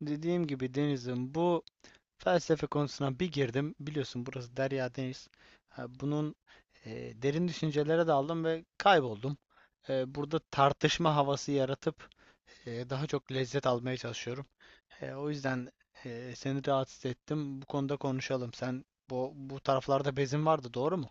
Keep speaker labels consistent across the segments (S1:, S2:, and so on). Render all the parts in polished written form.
S1: Dediğim gibi Deniz'im bu felsefe konusuna bir girdim. Biliyorsun burası Derya Deniz. Ha, bunun derin düşüncelere daldım ve kayboldum. Burada tartışma havası yaratıp daha çok lezzet almaya çalışıyorum. O yüzden seni rahatsız ettim. Bu konuda konuşalım. Sen bu taraflarda bezin vardı, doğru mu?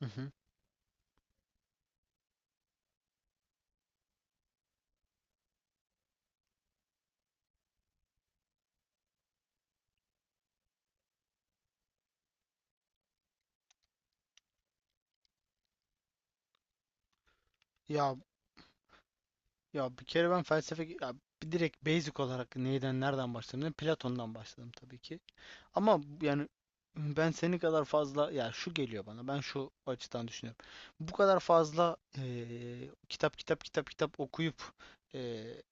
S1: Hı hı. Ya Ya bir kere ben felsefe ya bir direkt basic olarak neyden nereden başladım? Platon'dan başladım tabii ki. Ama yani ben senin kadar fazla ya şu geliyor bana. Ben şu açıdan düşünüyorum. Bu kadar fazla kitap kitap kitap kitap okuyup eee,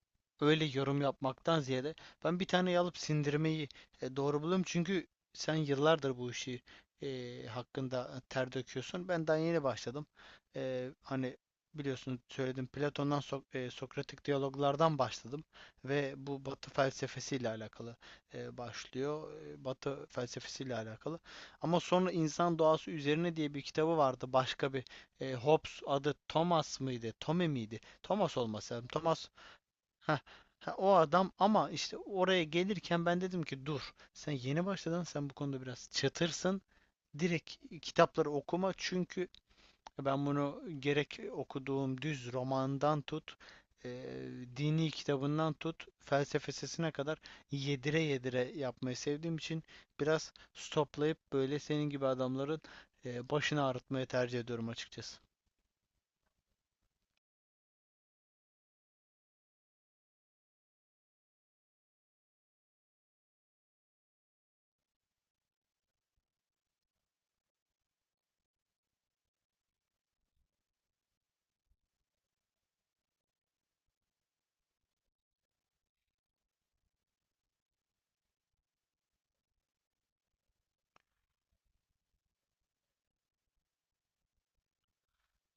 S1: öyle yorum yapmaktan ziyade ben bir tane alıp sindirmeyi doğru buluyorum. Çünkü sen yıllardır bu işi hakkında ter döküyorsun. Ben daha yeni başladım. Hani biliyorsunuz söyledim Platon'dan Sokratik diyaloglardan başladım ve bu Batı felsefesiyle alakalı başlıyor. E, Batı felsefesiyle alakalı. Ama sonra İnsan Doğası Üzerine diye bir kitabı vardı. Başka bir Hobbes adı Thomas mıydı? Tome miydi? Thomas olması lazım. Thomas. Heh, ha, o adam ama işte oraya gelirken ben dedim ki dur sen yeni başladın sen bu konuda biraz çatırsın. Direkt kitapları okuma çünkü ben bunu gerek okuduğum düz romandan tut, e, dini kitabından tut, felsefesine kadar yedire yedire yapmayı sevdiğim için biraz stoplayıp böyle senin gibi adamların başını ağrıtmayı tercih ediyorum açıkçası.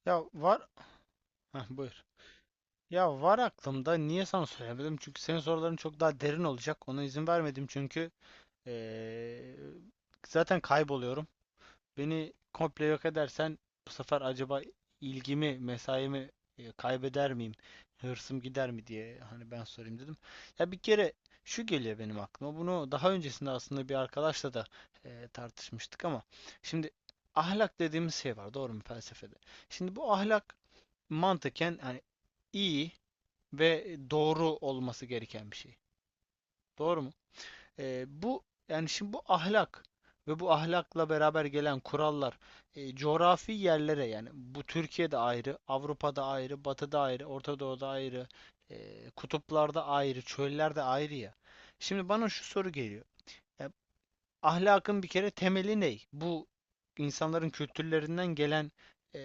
S1: Ya var. Heh, buyur. Ya var aklımda. Niye sana söylemedim? Çünkü senin soruların çok daha derin olacak. Ona izin vermedim çünkü e, zaten kayboluyorum. Beni komple yok edersen bu sefer acaba ilgimi, mesaimi kaybeder miyim? Hırsım gider mi diye hani ben sorayım dedim. Ya bir kere şu geliyor benim aklıma. Bunu daha öncesinde aslında bir arkadaşla da tartışmıştık ama şimdi ahlak dediğimiz şey var, doğru mu felsefede? Şimdi bu ahlak mantıken hani iyi ve doğru olması gereken bir şey. Doğru mu? Bu yani şimdi bu ahlak ve bu ahlakla beraber gelen kurallar coğrafi yerlere yani bu Türkiye'de ayrı, Avrupa'da ayrı, Batı'da ayrı, Orta Doğu'da ayrı, kutuplarda ayrı, çöllerde ayrı ya. Şimdi bana şu soru geliyor. E, Ahlakın bir kere temeli ne? Bu insanların kültürlerinden gelen e,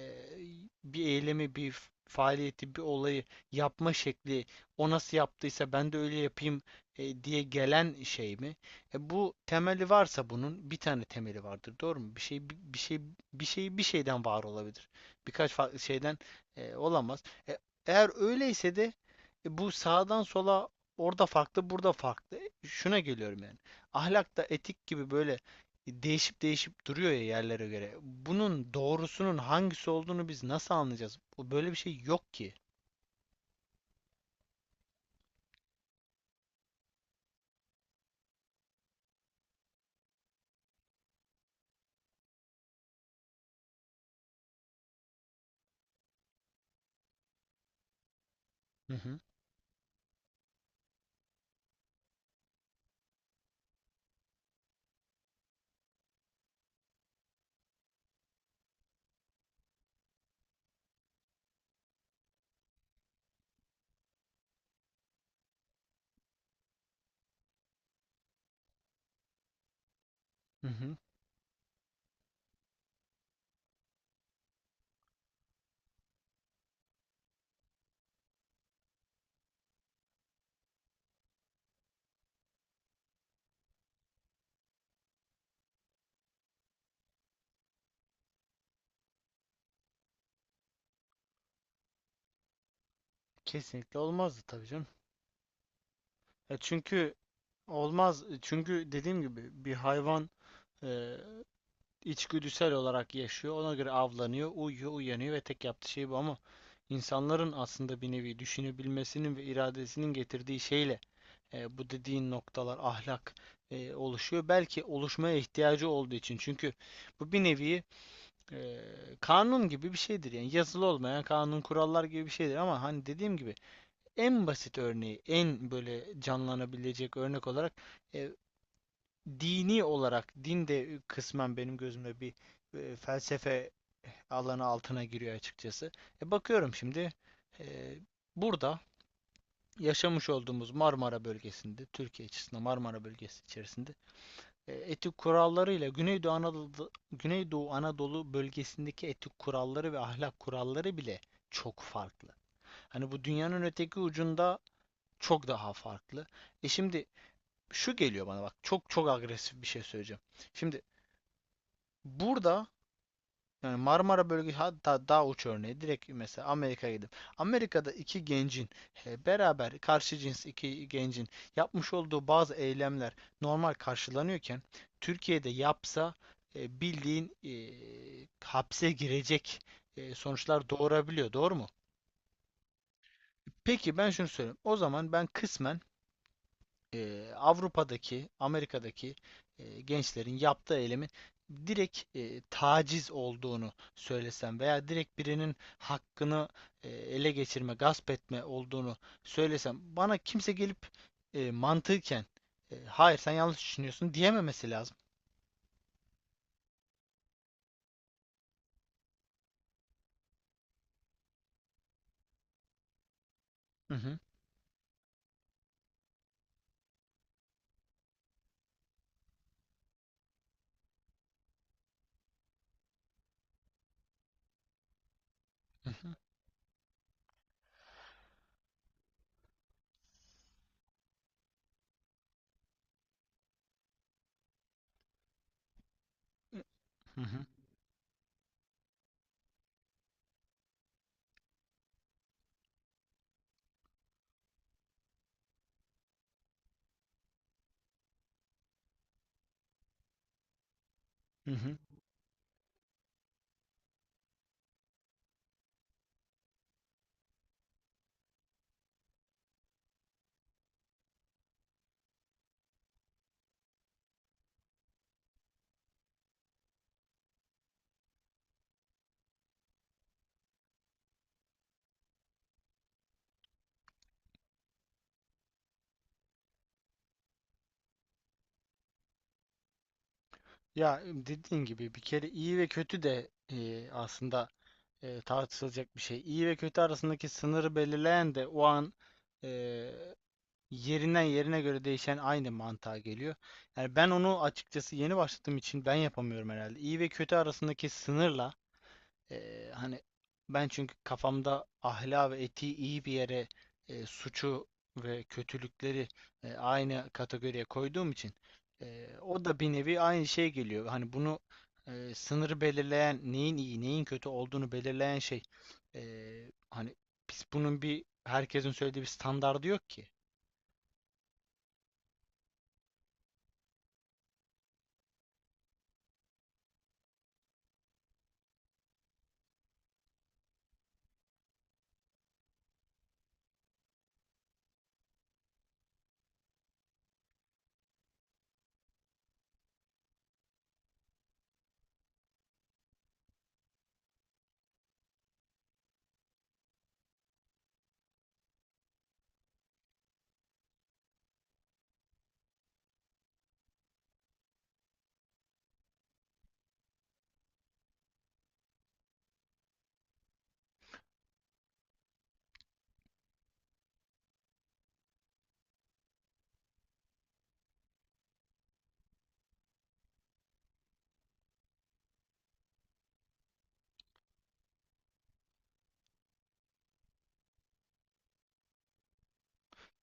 S1: bir eylemi, bir faaliyeti, bir olayı yapma şekli, o nasıl yaptıysa ben de öyle yapayım diye gelen şey mi? Bu temeli varsa bunun bir tane temeli vardır, doğru mu? Bir şey bir şeyden var olabilir. Birkaç farklı şeyden olamaz. E, Eğer öyleyse de bu sağdan sola orada farklı, burada farklı. E, şuna geliyorum yani ahlakta etik gibi böyle değişip değişip duruyor ya yerlere göre. Bunun doğrusunun hangisi olduğunu biz nasıl anlayacağız? Bu böyle bir şey yok ki. Hı hı. Hı hı. Kesinlikle olmazdı tabii canım. Ya çünkü olmaz. Çünkü dediğim gibi bir hayvan e, içgüdüsel olarak yaşıyor. Ona göre avlanıyor, uyuyor, uyanıyor ve tek yaptığı şey bu ama insanların aslında bir nevi düşünebilmesinin ve iradesinin getirdiği şeyle bu dediğin noktalar ahlak oluşuyor. Belki oluşmaya ihtiyacı olduğu için. Çünkü bu bir nevi e, kanun gibi bir şeydir. Yani yazılı olmayan kanun kurallar gibi bir şeydir. Ama hani dediğim gibi en basit örneği, en böyle canlanabilecek örnek olarak e, dini olarak din de kısmen benim gözümde bir felsefe alanı altına giriyor açıkçası. E, bakıyorum şimdi e, burada yaşamış olduğumuz Marmara bölgesinde, Türkiye açısından Marmara bölgesi içerisinde etik kurallarıyla Güneydoğu Anadolu, Güneydoğu Anadolu bölgesindeki etik kuralları ve ahlak kuralları bile çok farklı. Hani bu dünyanın öteki ucunda çok daha farklı. E şimdi şu geliyor bana bak çok çok agresif bir şey söyleyeceğim. Şimdi burada yani Marmara bölgesi hatta daha uç örneği direkt mesela Amerika'ya gidip Amerika'da iki gencin beraber karşı cins iki gencin yapmış olduğu bazı eylemler normal karşılanıyorken Türkiye'de yapsa e, bildiğin e, hapse girecek sonuçlar doğurabiliyor. Doğru mu? Peki ben şunu söyleyeyim. O zaman ben kısmen Avrupa'daki, Amerika'daki gençlerin yaptığı eylemin direkt taciz olduğunu söylesem veya direkt birinin hakkını ele geçirme, gasp etme olduğunu söylesem bana kimse gelip mantıken hayır sen yanlış düşünüyorsun diyememesi lazım. Hı hı, hı hı, hı hı, hı hı. Ya dediğin gibi bir kere iyi ve kötü de aslında tartışılacak bir şey. İyi ve kötü arasındaki sınırı belirleyen de o an e, yerinden yerine göre değişen aynı mantığa geliyor. Yani ben onu açıkçası yeni başladığım için ben yapamıyorum herhalde. İyi ve kötü arasındaki sınırla hani ben çünkü kafamda ahlak ve etiği iyi bir yere suçu ve kötülükleri aynı kategoriye koyduğum için o da bir nevi aynı şey geliyor. Hani bunu sınırı belirleyen neyin iyi neyin kötü olduğunu belirleyen şey e, hani biz bunun bir herkesin söylediği bir standardı yok ki.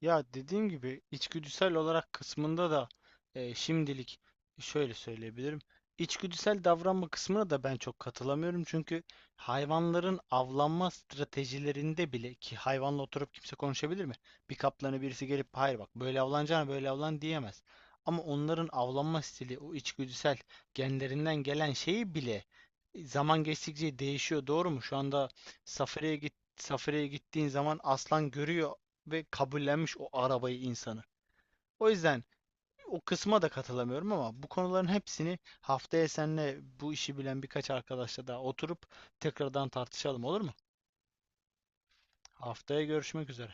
S1: Ya dediğim gibi içgüdüsel olarak kısmında da şimdilik şöyle söyleyebilirim. İçgüdüsel davranma kısmına da ben çok katılamıyorum. Çünkü hayvanların avlanma stratejilerinde bile ki hayvanla oturup kimse konuşabilir mi? Bir kaplanı birisi gelip hayır bak böyle avlanacağına böyle avlan diyemez. Ama onların avlanma stili o içgüdüsel genlerinden gelen şeyi bile zaman geçtikçe değişiyor. Doğru mu? Şu anda safariye git Safari'ye gittiğin zaman aslan görüyor ve kabullenmiş o arabayı insanı. O yüzden o kısma da katılamıyorum ama bu konuların hepsini haftaya seninle bu işi bilen birkaç arkadaşla daha oturup tekrardan tartışalım olur mu? Haftaya görüşmek üzere.